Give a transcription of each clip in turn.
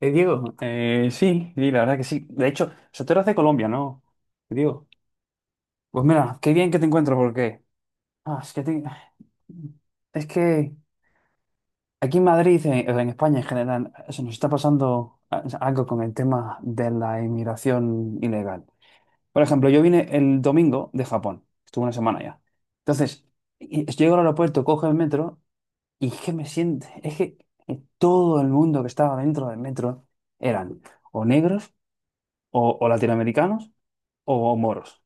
Diego, sí, sí, la verdad que sí. De hecho, o sea, tú eras de Colombia, ¿no? Diego. Pues mira, qué bien que te encuentro porque... ah, es que te- es que aquí en Madrid, en España en general, se nos está pasando algo con el tema de la inmigración ilegal. Por ejemplo, yo vine el domingo de Japón. Estuve una semana ya. Entonces, llego al aeropuerto, cojo el metro y es que me siento... Es que todo el mundo que estaba dentro del metro eran o negros o latinoamericanos o moros.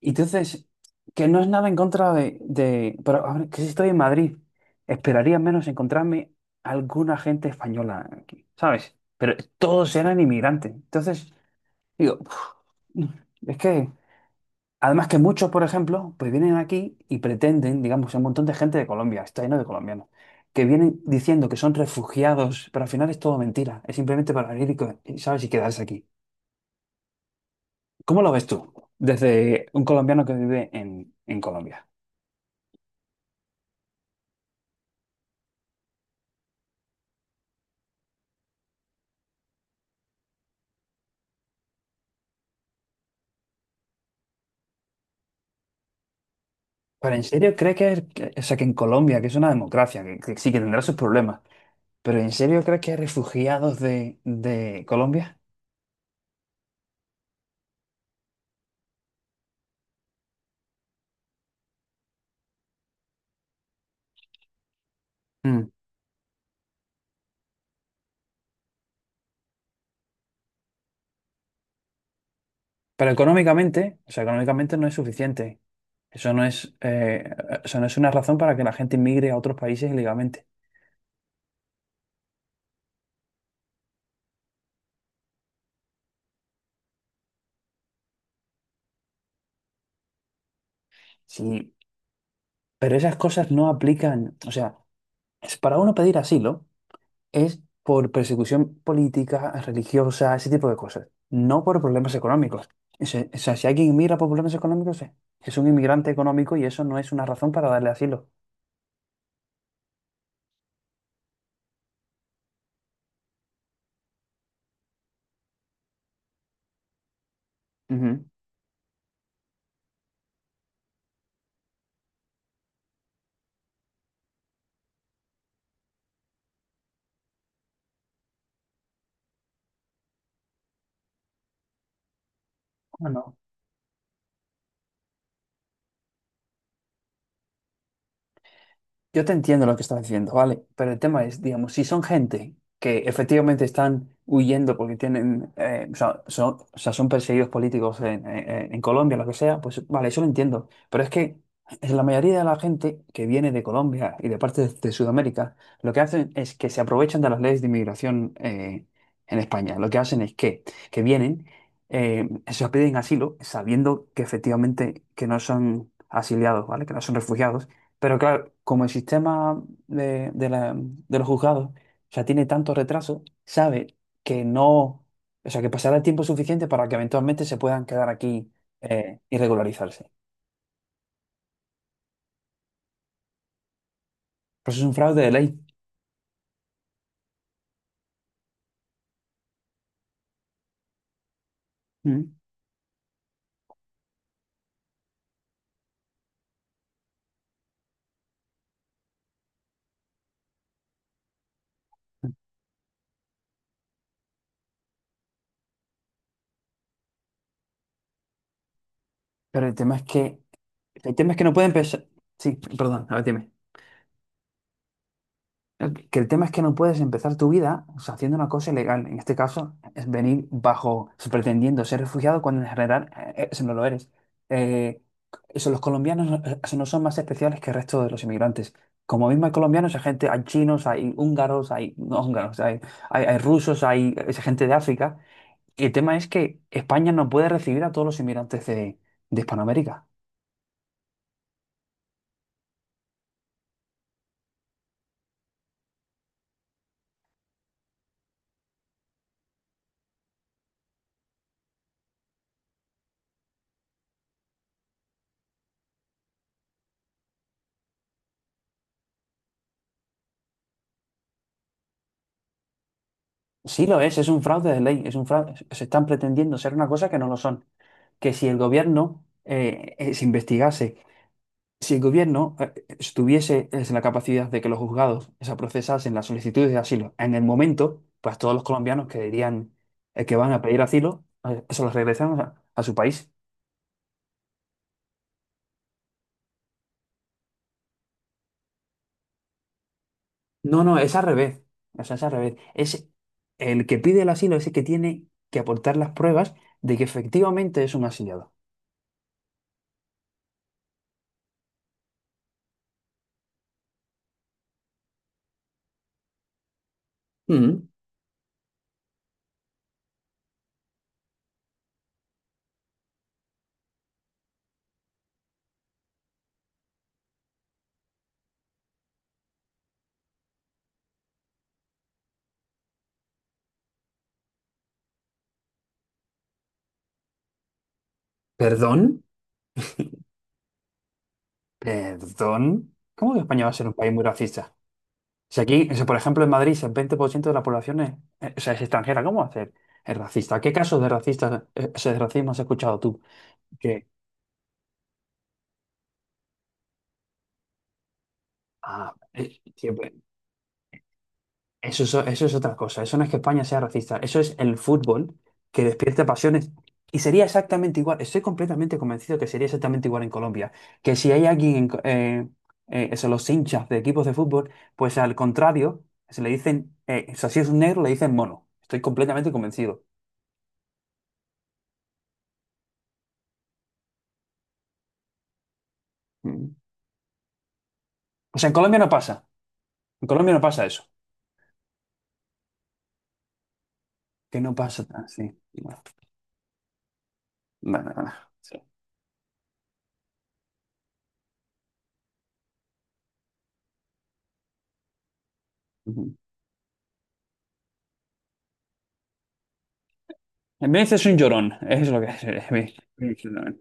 Y entonces, que no es nada en contra de pero a ver, que si estoy en Madrid, esperaría menos encontrarme alguna gente española aquí, ¿sabes? Pero todos eran inmigrantes. Entonces, digo, uf, es que, además que muchos, por ejemplo, pues vienen aquí y pretenden, digamos, un montón de gente de Colombia, está lleno de colombianos, que vienen diciendo que son refugiados, pero al final es todo mentira, es simplemente para venir y, ¿sabes? Y quedarse aquí. ¿Cómo lo ves tú? Desde un colombiano que vive en Colombia. ¿Pero en serio crees que, o sea, que en Colombia, que es una democracia, que sí que tendrá sus problemas, pero en serio crees que hay refugiados de Colombia? Mm. Pero económicamente, o sea, económicamente no es suficiente. Eso no es, eh, eso no es una razón para que la gente inmigre a otros países ilegalmente. Sí, pero esas cosas no aplican. O sea, es para uno pedir asilo. Es por persecución política, religiosa, ese tipo de cosas, no por problemas económicos. O sea, si alguien mira por problemas económicos, es un inmigrante económico y eso no es una razón para darle asilo. Ujú. Bueno, yo te entiendo lo que estás diciendo, ¿vale? Pero el tema es, digamos, si son gente que efectivamente están huyendo porque tienen, o sea, son perseguidos políticos en Colombia, lo que sea, pues vale, eso lo entiendo. Pero es que la mayoría de la gente que viene de Colombia y de parte de Sudamérica, lo que hacen es que se aprovechan de las leyes de inmigración en España. Lo que hacen es que vienen, se les piden asilo, sabiendo que efectivamente que no son... asiliados, ¿vale? Que no son refugiados, pero claro, como el sistema de, de los juzgados ya tiene tanto retraso, sabe que no, o sea, que pasará el tiempo suficiente para que eventualmente se puedan quedar aquí y regularizarse. Pero eso es un fraude de ley. Mm. Pero el tema es que, el tema es que no pueden pensar. Sí, perdón, a ver, dime. Que el tema es que no puedes empezar tu vida o sea, haciendo una cosa ilegal. En este caso, es venir bajo, pretendiendo ser refugiado cuando en general eso no lo eres. Eh, eso, los colombianos no eso no son más especiales que el resto de los inmigrantes. Como mismo hay colombianos, hay gente, hay chinos, hay húngaros, hay no húngaros, hay rusos, hay, es gente de África. Y el tema es que España no puede recibir a todos los inmigrantes de Hispanoamérica. Sí lo es un fraude de ley, es un fraude. Se están pretendiendo ser una cosa que no lo son. Que si el gobierno se investigase, si el gobierno estuviese en la capacidad de que los juzgados se procesasen las solicitudes de asilo en el momento, pues todos los colombianos que dirían que van a pedir asilo, se los regresan a su país. No, no, es al revés. O sea, es al revés. Es el que pide el asilo, es el que tiene que aportar las pruebas de que efectivamente es un asilado. Mm. ¿Perdón? Perdón. ¿Cómo que España va a ser un país muy racista? Si aquí, si por ejemplo en Madrid, si el 20% de la población es, o sea, es extranjera, ¿cómo hacer? Es racista. ¿Qué casos de racista, o sea, de racismo has escuchado tú? Que, ah, tío, pues, eso, eso es otra cosa. Eso no es que España sea racista. Eso es el fútbol que despierta pasiones. Y sería exactamente igual. Estoy completamente convencido que sería exactamente igual en Colombia. Que si hay alguien, eso, los hinchas de equipos de fútbol, pues al contrario, se le dicen, o sea, si es un negro, le dicen mono. Estoy completamente convencido. O sea, en Colombia no pasa. En Colombia no pasa eso. Que no pasa tan, sí. Bueno, bueno, bueno, sí. Ujú. En Venecia es un llorón. Es lo que es. Es un llorón.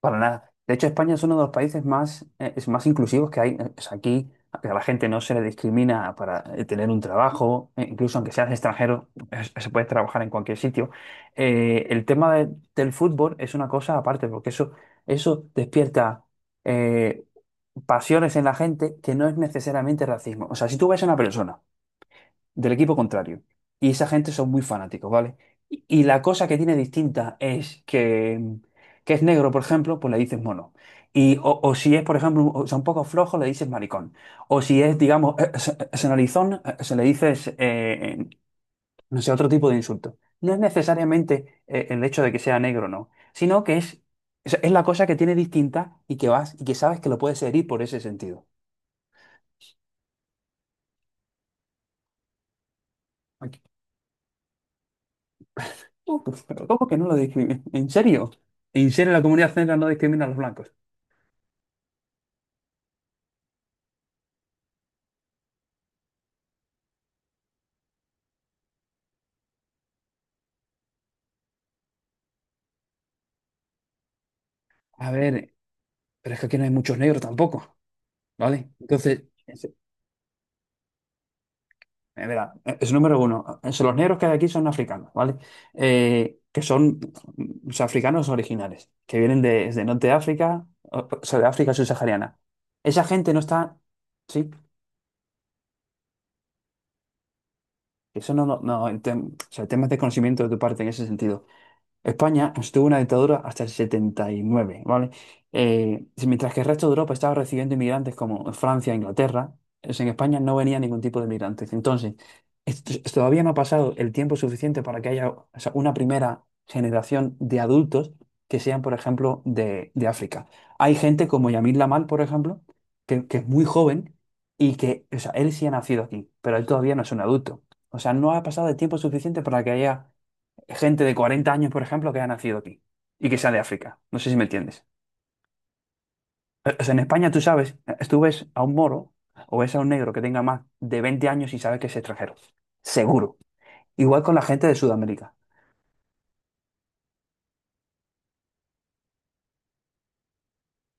Para nada. De hecho, España es uno de los países más, es más inclusivos que hay. O sea, aquí a la gente no se le discrimina para tener un trabajo, incluso aunque seas extranjero, se puede trabajar en cualquier sitio. Eh, el tema de- del fútbol es una cosa aparte, porque eso despierta eh, pasiones en la gente que no es necesariamente racismo. O sea, si tú ves a una persona del equipo contrario. Y esa gente son muy fanáticos, ¿vale? Y la cosa que tiene distinta es que es negro, por ejemplo, pues le dices mono. Y, o si es, por ejemplo, o sea, un poco flojo, le dices maricón. O si es, digamos, se- se se le dices, no sé, otro tipo de insulto. No es necesariamente el hecho de que sea negro, no, sino que es la cosa que tiene distinta y que vas y que sabes que lo puedes herir por ese sentido. No, pues, pero ¿cómo que no lo discriminan? ¿En serio? ¿En serio la comunidad negra no discrimina a los blancos? A ver, pero es que aquí no hay muchos negros tampoco, ¿vale? Entonces, es, es número uno. Los negros que hay aquí son africanos, ¿vale? Que son, mm, o sea, africanos originales, que vienen desde Norte de África, o sea, de África subsahariana. Esa gente no está, sí, eso no, no, no, o sea, temas de conocimiento de tu parte en ese sentido. España estuvo en una dictadura hasta el 79, ¿vale? Sí, mientras que el resto de Europa estaba recibiendo inmigrantes como Francia e Inglaterra, en España no venía ningún tipo de inmigrantes. Entonces, todavía no ha pasado el tiempo suficiente para que haya, o sea, una primera generación de adultos que sean, por ejemplo, de África. Hay gente como Yamil Lamal, por ejemplo, que es muy joven y que, o sea, él sí ha nacido aquí, pero él todavía no es un adulto. O sea, no ha pasado el tiempo suficiente para que haya gente de 40 años, por ejemplo, que ha nacido aquí y que sea de África. No sé si me entiendes. O sea, en España tú sabes, tú ves a un moro o ves a un negro que tenga más de 20 años y sabes que es extranjero. Seguro. Igual con la gente de Sudamérica.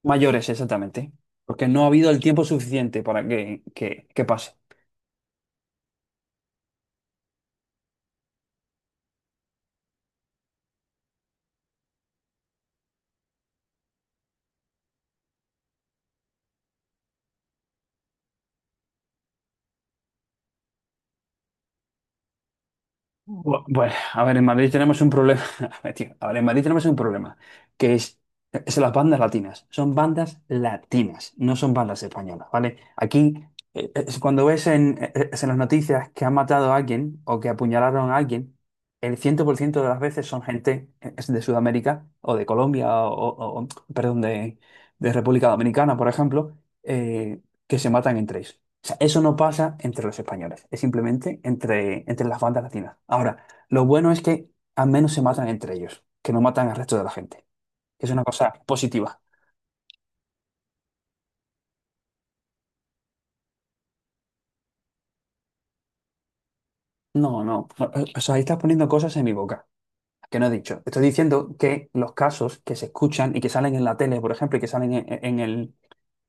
Mayores, exactamente. Porque no ha habido el tiempo suficiente para que pase. Bueno, a ver, en Madrid tenemos un problema. A ver, tío, a ver, en Madrid tenemos un problema, que es las bandas latinas. Son bandas latinas, no son bandas españolas, ¿vale? Aquí, es en las noticias que han matado a alguien o que apuñalaron a alguien, el 100% de las veces son gente es de Sudamérica o de Colombia o perdón, de República Dominicana, por ejemplo, eh, que se matan entre ellos. O sea, eso no pasa entre los españoles, es simplemente entre, entre las bandas latinas. Ahora, lo bueno es que al menos se matan entre ellos, que no matan al resto de la gente. Es una cosa positiva. No, no, no, o sea, ahí estás poniendo cosas en mi boca, que no he dicho. Estoy diciendo que los casos que se escuchan y que salen en la tele, por ejemplo, y que salen en el,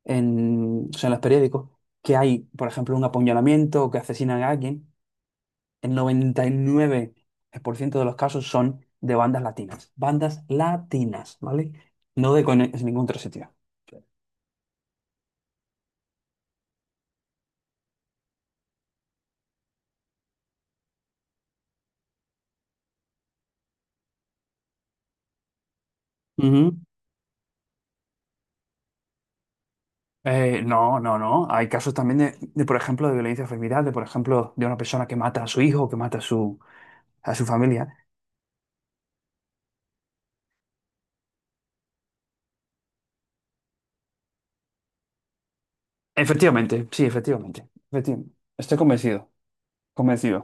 en, o sea, en los periódicos, que hay, por ejemplo, un apuñalamiento o que asesinan a alguien, el noventa y nueve por ciento de los casos son de bandas latinas. Bandas latinas, ¿vale? No de es ningún otro sitio. Ujú. No, no, no. Hay casos también de, por ejemplo, de violencia familiar, de, por ejemplo, de una persona que mata a su hijo, que mata a su familia. Efectivamente, sí, efectivamente. Efectivamente. Estoy convencido.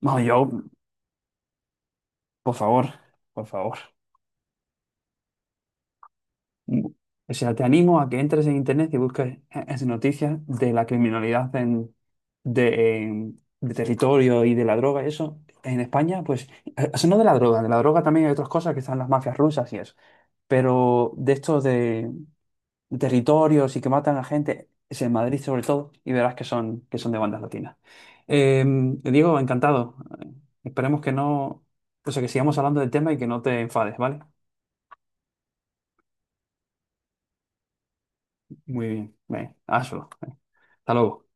No, yo, por favor, por favor. O sea, te animo a que entres en internet y busques noticias de la criminalidad en, de territorio y de la droga y eso. En España, pues, eso no de la droga, de la droga también hay otras cosas que están las mafias rusas y eso. Pero de estos de territorios y que matan a gente, es en Madrid sobre todo, y verás que son de bandas latinas. Eh, Diego, encantado. Eh, Esperemos que no, o sea, que sigamos hablando del tema y que no te enfades, ¿vale? Muy bien, ven, hazlo. Hasta luego.